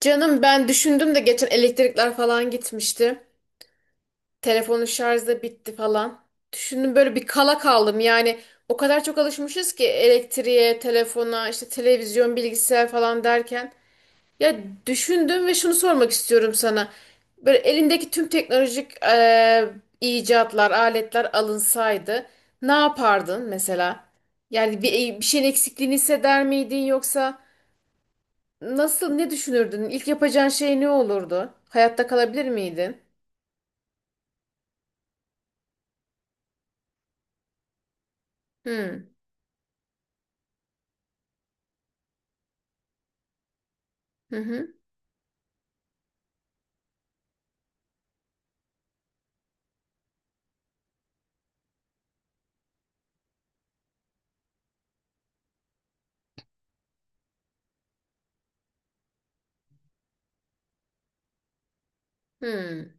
Canım, ben düşündüm de geçen elektrikler falan gitmişti. Telefonun şarjı da bitti falan. Düşündüm, böyle bir kala kaldım. Yani o kadar çok alışmışız ki elektriğe, telefona, işte televizyon, bilgisayar falan derken. Ya, düşündüm ve şunu sormak istiyorum sana. Böyle elindeki tüm teknolojik icatlar, aletler alınsaydı ne yapardın mesela? Yani bir şeyin eksikliğini hisseder miydin yoksa? Nasıl, ne düşünürdün? İlk yapacağın şey ne olurdu? Hayatta kalabilir miydin? Hmm. Hı hı. Hmm.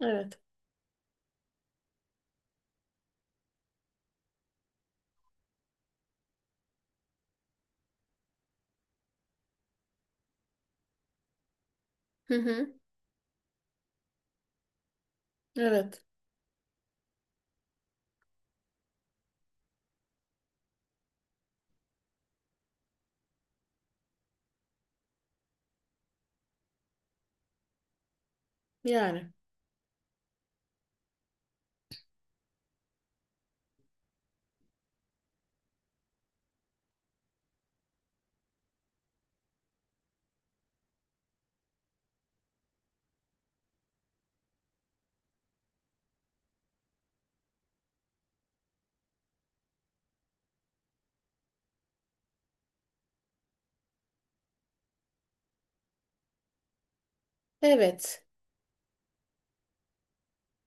Evet. Hı hı. Evet. Yani. Evet.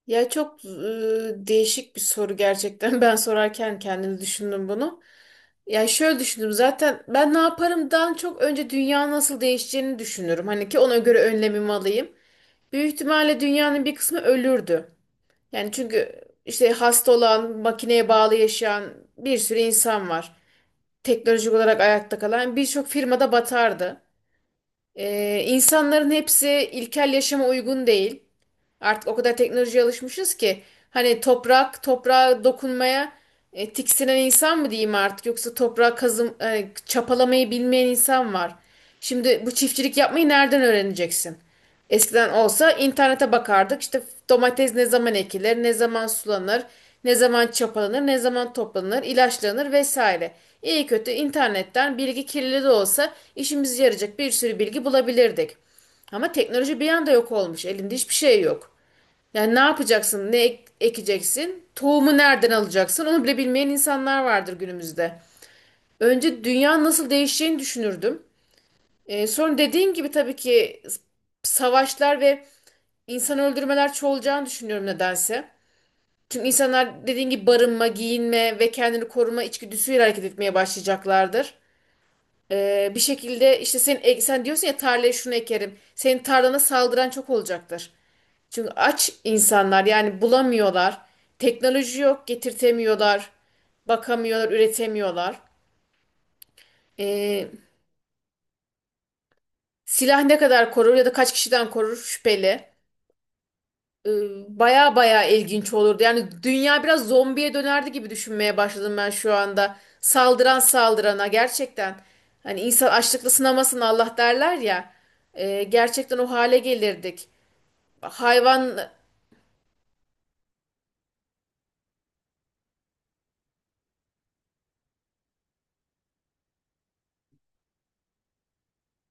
Ya, çok değişik bir soru gerçekten. Ben sorarken kendimi düşündüm bunu. Ya şöyle düşündüm, zaten ben ne yaparımdan çok önce dünya nasıl değişeceğini düşünürüm. Hani ki ona göre önlemimi alayım. Büyük ihtimalle dünyanın bir kısmı ölürdü. Yani çünkü işte hasta olan, makineye bağlı yaşayan bir sürü insan var. Teknolojik olarak ayakta kalan birçok firmada batardı. İnsanların hepsi ilkel yaşama uygun değil. Artık o kadar teknolojiye alışmışız ki hani toprak, toprağa dokunmaya tiksinen insan mı diyeyim artık, yoksa toprağa kazım çapalamayı bilmeyen insan var. Şimdi bu çiftçilik yapmayı nereden öğreneceksin? Eskiden olsa internete bakardık. İşte domates ne zaman ekilir, ne zaman sulanır, ne zaman çapalanır, ne zaman toplanır, ilaçlanır vesaire. İyi kötü internetten bilgi, kirli de olsa işimize yarayacak bir sürü bilgi bulabilirdik. Ama teknoloji bir anda yok olmuş. Elinde hiçbir şey yok. Yani ne yapacaksın, ne ekeceksin, tohumu nereden alacaksın onu bile bilmeyen insanlar vardır günümüzde. Önce dünya nasıl değişeceğini düşünürdüm. Sonra dediğim gibi tabii ki savaşlar ve İnsan öldürmeler çoğalacağını düşünüyorum nedense. Çünkü insanlar dediğin gibi barınma, giyinme ve kendini koruma içgüdüsüyle hareket etmeye başlayacaklardır. Bir şekilde işte sen, sen diyorsun ya tarlaya şunu ekerim. Senin tarlana saldıran çok olacaktır. Çünkü aç insanlar yani bulamıyorlar. Teknoloji yok, getirtemiyorlar. Bakamıyorlar, üretemiyorlar. Ee, Silah ne kadar korur ya da kaç kişiden korur şüpheli. e, Baya baya ilginç olurdu. Yani dünya biraz zombiye dönerdi gibi düşünmeye başladım ben şu anda. Saldıran saldırana gerçekten. Hani insan açlıkla sınamasın Allah derler ya. Gerçekten o hale gelirdik. Hayvan.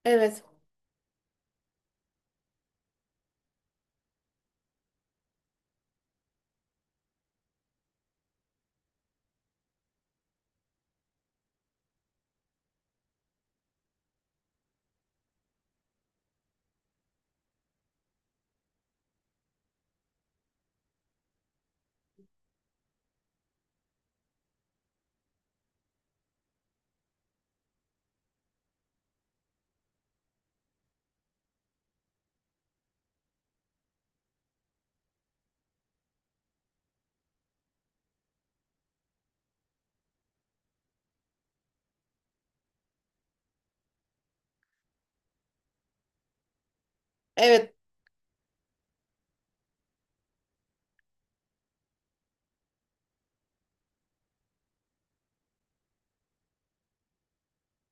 Evet, evet,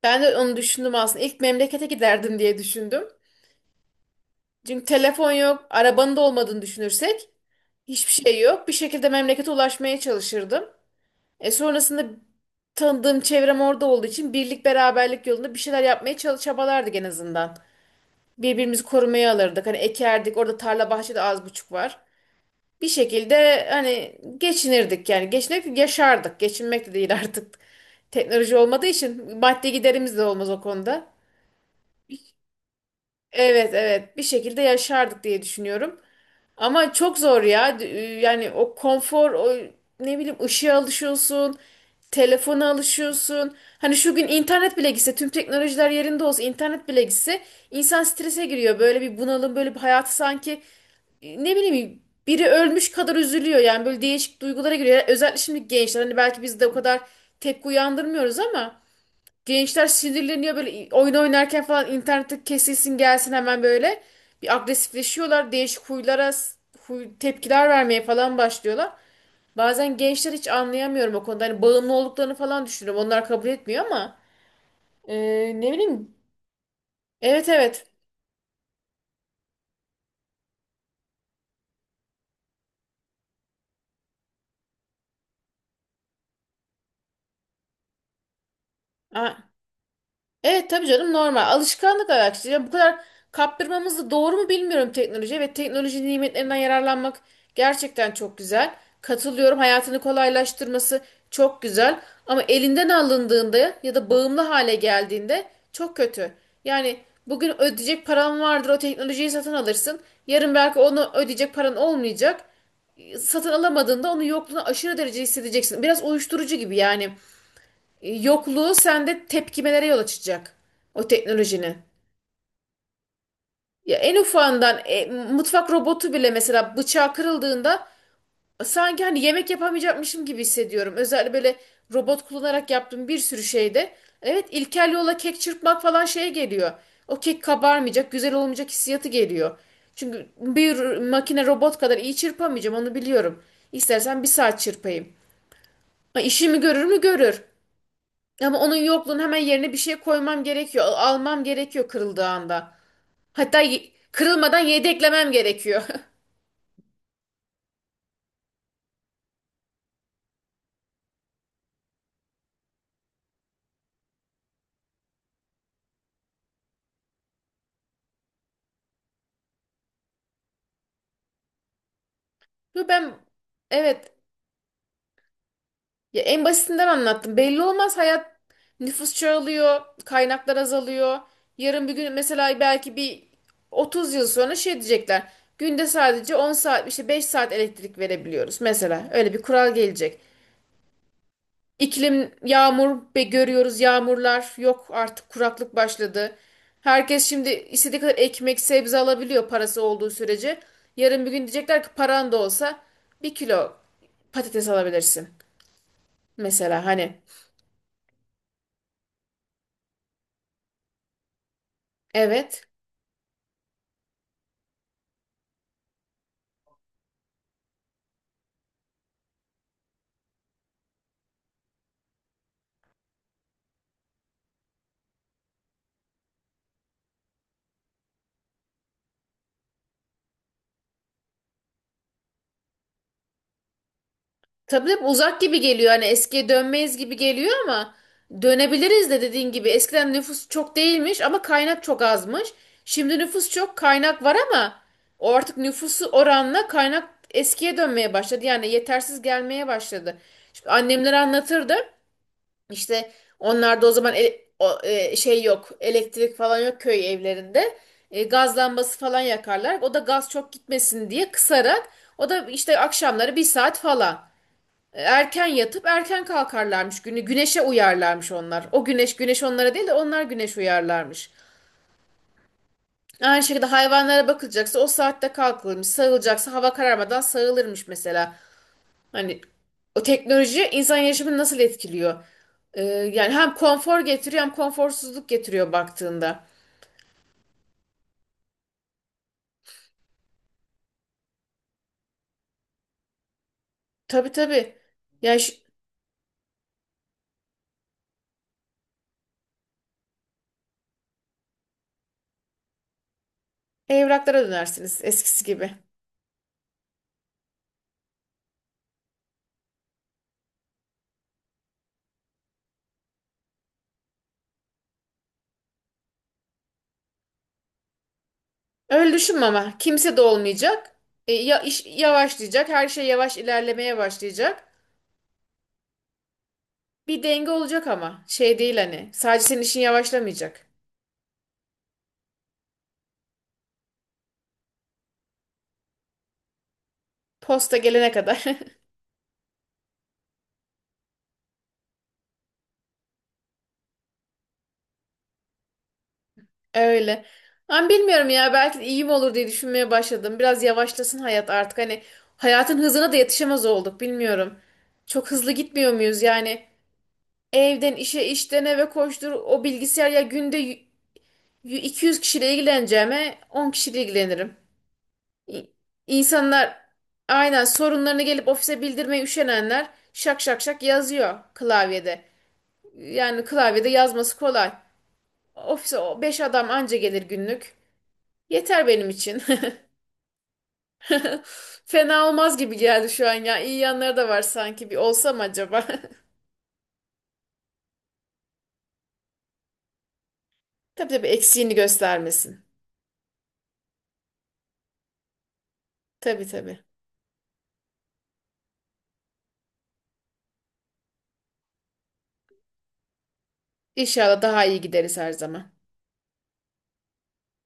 ben de onu düşündüm aslında. İlk memlekete giderdim diye düşündüm. Çünkü telefon yok, arabanın da olmadığını düşünürsek hiçbir şey yok. Bir şekilde memlekete ulaşmaya çalışırdım. Sonrasında tanıdığım çevrem orada olduğu için birlik beraberlik yolunda bir şeyler yapmaya çabalardık en azından. Birbirimizi korumaya alırdık. Hani ekerdik. Orada tarla bahçede az buçuk var. Bir şekilde hani geçinirdik yani. Geçinmek yaşardık. Geçinmek de değil artık. Teknoloji olmadığı için maddi giderimiz de olmaz o konuda. Evet, evet, bir şekilde yaşardık diye düşünüyorum. Ama çok zor ya. Yani o konfor, o ne bileyim ışığa alışıyorsun, telefona alışıyorsun. Hani şu gün internet bile gitse, tüm teknolojiler yerinde olsa, internet bile gitse insan strese giriyor. Böyle bir bunalım, böyle bir hayatı sanki ne bileyim biri ölmüş kadar üzülüyor. Yani böyle değişik duygulara giriyor. Özellikle şimdi gençler hani belki biz de o kadar tepki uyandırmıyoruz ama gençler sinirleniyor böyle oyun oynarken falan, internette kesilsin gelsin hemen böyle. Bir agresifleşiyorlar. Değişik huylara, huy, tepkiler vermeye falan başlıyorlar. Bazen gençler hiç anlayamıyorum o konuda. Hani bağımlı olduklarını falan düşünüyorum. Onlar kabul etmiyor ama e, ne bileyim. Evet, evet. Aa, evet tabii canım, normal. Alışkanlık araştırıyor. Bu kadar kaptırmamız da doğru mu bilmiyorum, teknolojiye ve teknoloji nimetlerinden yararlanmak gerçekten çok güzel. Katılıyorum. Hayatını kolaylaştırması çok güzel. Ama elinden alındığında ya da bağımlı hale geldiğinde çok kötü. Yani bugün ödeyecek paran vardır, o teknolojiyi satın alırsın. Yarın belki onu ödeyecek paran olmayacak. Satın alamadığında onun yokluğunu aşırı derece hissedeceksin. Biraz uyuşturucu gibi yani, yokluğu sende tepkimelere yol açacak. O teknolojinin. Ya en ufağından mutfak robotu bile, mesela bıçağı kırıldığında sanki hani yemek yapamayacakmışım gibi hissediyorum. Özellikle böyle robot kullanarak yaptığım bir sürü şeyde. Evet, ilkel yola kek çırpmak falan şeye geliyor. O kek kabarmayacak, güzel olmayacak hissiyatı geliyor. Çünkü bir makine robot kadar iyi çırpamayacağım, onu biliyorum. İstersen bir saat çırpayım. Ha, işimi görür mü görür. Ama onun yokluğunu hemen yerine bir şey koymam gerekiyor. Almam gerekiyor kırıldığı anda. Hatta kırılmadan yedeklemem gerekiyor. Yo, ben, evet ya, en basitinden anlattım. Belli olmaz hayat, nüfus çoğalıyor, kaynaklar azalıyor. Yarın bir gün mesela, belki bir 30 yıl sonra şey diyecekler. Günde sadece 10 saat, işte 5 saat elektrik verebiliyoruz mesela. Öyle bir kural gelecek. İklim yağmur be görüyoruz, yağmurlar yok artık, kuraklık başladı. Herkes şimdi istediği kadar ekmek, sebze alabiliyor parası olduğu sürece. Yarın bir gün diyecekler ki paran da olsa bir kilo patates alabilirsin. Mesela hani. Evet. Tabii hep uzak gibi geliyor, hani eskiye dönmeyiz gibi geliyor ama dönebiliriz de, dediğin gibi eskiden nüfus çok değilmiş ama kaynak çok azmış. Şimdi nüfus çok, kaynak var ama o artık, nüfusu oranla kaynak eskiye dönmeye başladı. Yani yetersiz gelmeye başladı. Şimdi annemler anlatırdı, işte onlarda o zaman o, şey yok, elektrik falan yok köy evlerinde. Gaz lambası falan yakarlar. O da gaz çok gitmesin diye kısarak, o da işte akşamları bir saat falan. Erken yatıp erken kalkarlarmış günü. Güneşe uyarlarmış onlar. O güneş güneş onlara değil de onlar güneş uyarlarmış. Aynı şekilde hayvanlara bakılacaksa o saatte kalkılırmış. Sağılacaksa hava kararmadan sağılırmış mesela. Hani o teknoloji insan yaşamını nasıl etkiliyor? Yani hem konfor getiriyor hem konforsuzluk getiriyor baktığında. Tabii, tabii. Yani, evraklara dönersiniz eskisi gibi. Öyle düşünme, ama kimse de olmayacak. Ya iş yavaşlayacak. Her şey yavaş ilerlemeye başlayacak. Bir denge olacak ama şey değil, hani sadece senin işin yavaşlamayacak. Posta gelene kadar. Öyle. Ama bilmiyorum ya, belki de iyi mi olur diye düşünmeye başladım. Biraz yavaşlasın hayat artık hani, hayatın hızına da yetişemez olduk, bilmiyorum. Çok hızlı gitmiyor muyuz yani, evden işe, işten eve koştur o bilgisayar ya, günde 200 kişiyle ilgileneceğime 10 kişiyle ilgilenirim. İ- İnsanlar aynen sorunlarını gelip ofise bildirmeye üşenenler, şak şak şak yazıyor klavyede. Yani klavyede yazması kolay. Ofise o beş adam anca gelir günlük. Yeter benim için. Fena olmaz gibi geldi şu an ya. İyi yanları da var sanki. Bir olsam acaba? Tabii, tabii, eksiğini göstermesin. Tabii, tabii. İnşallah daha iyi gideriz her zaman.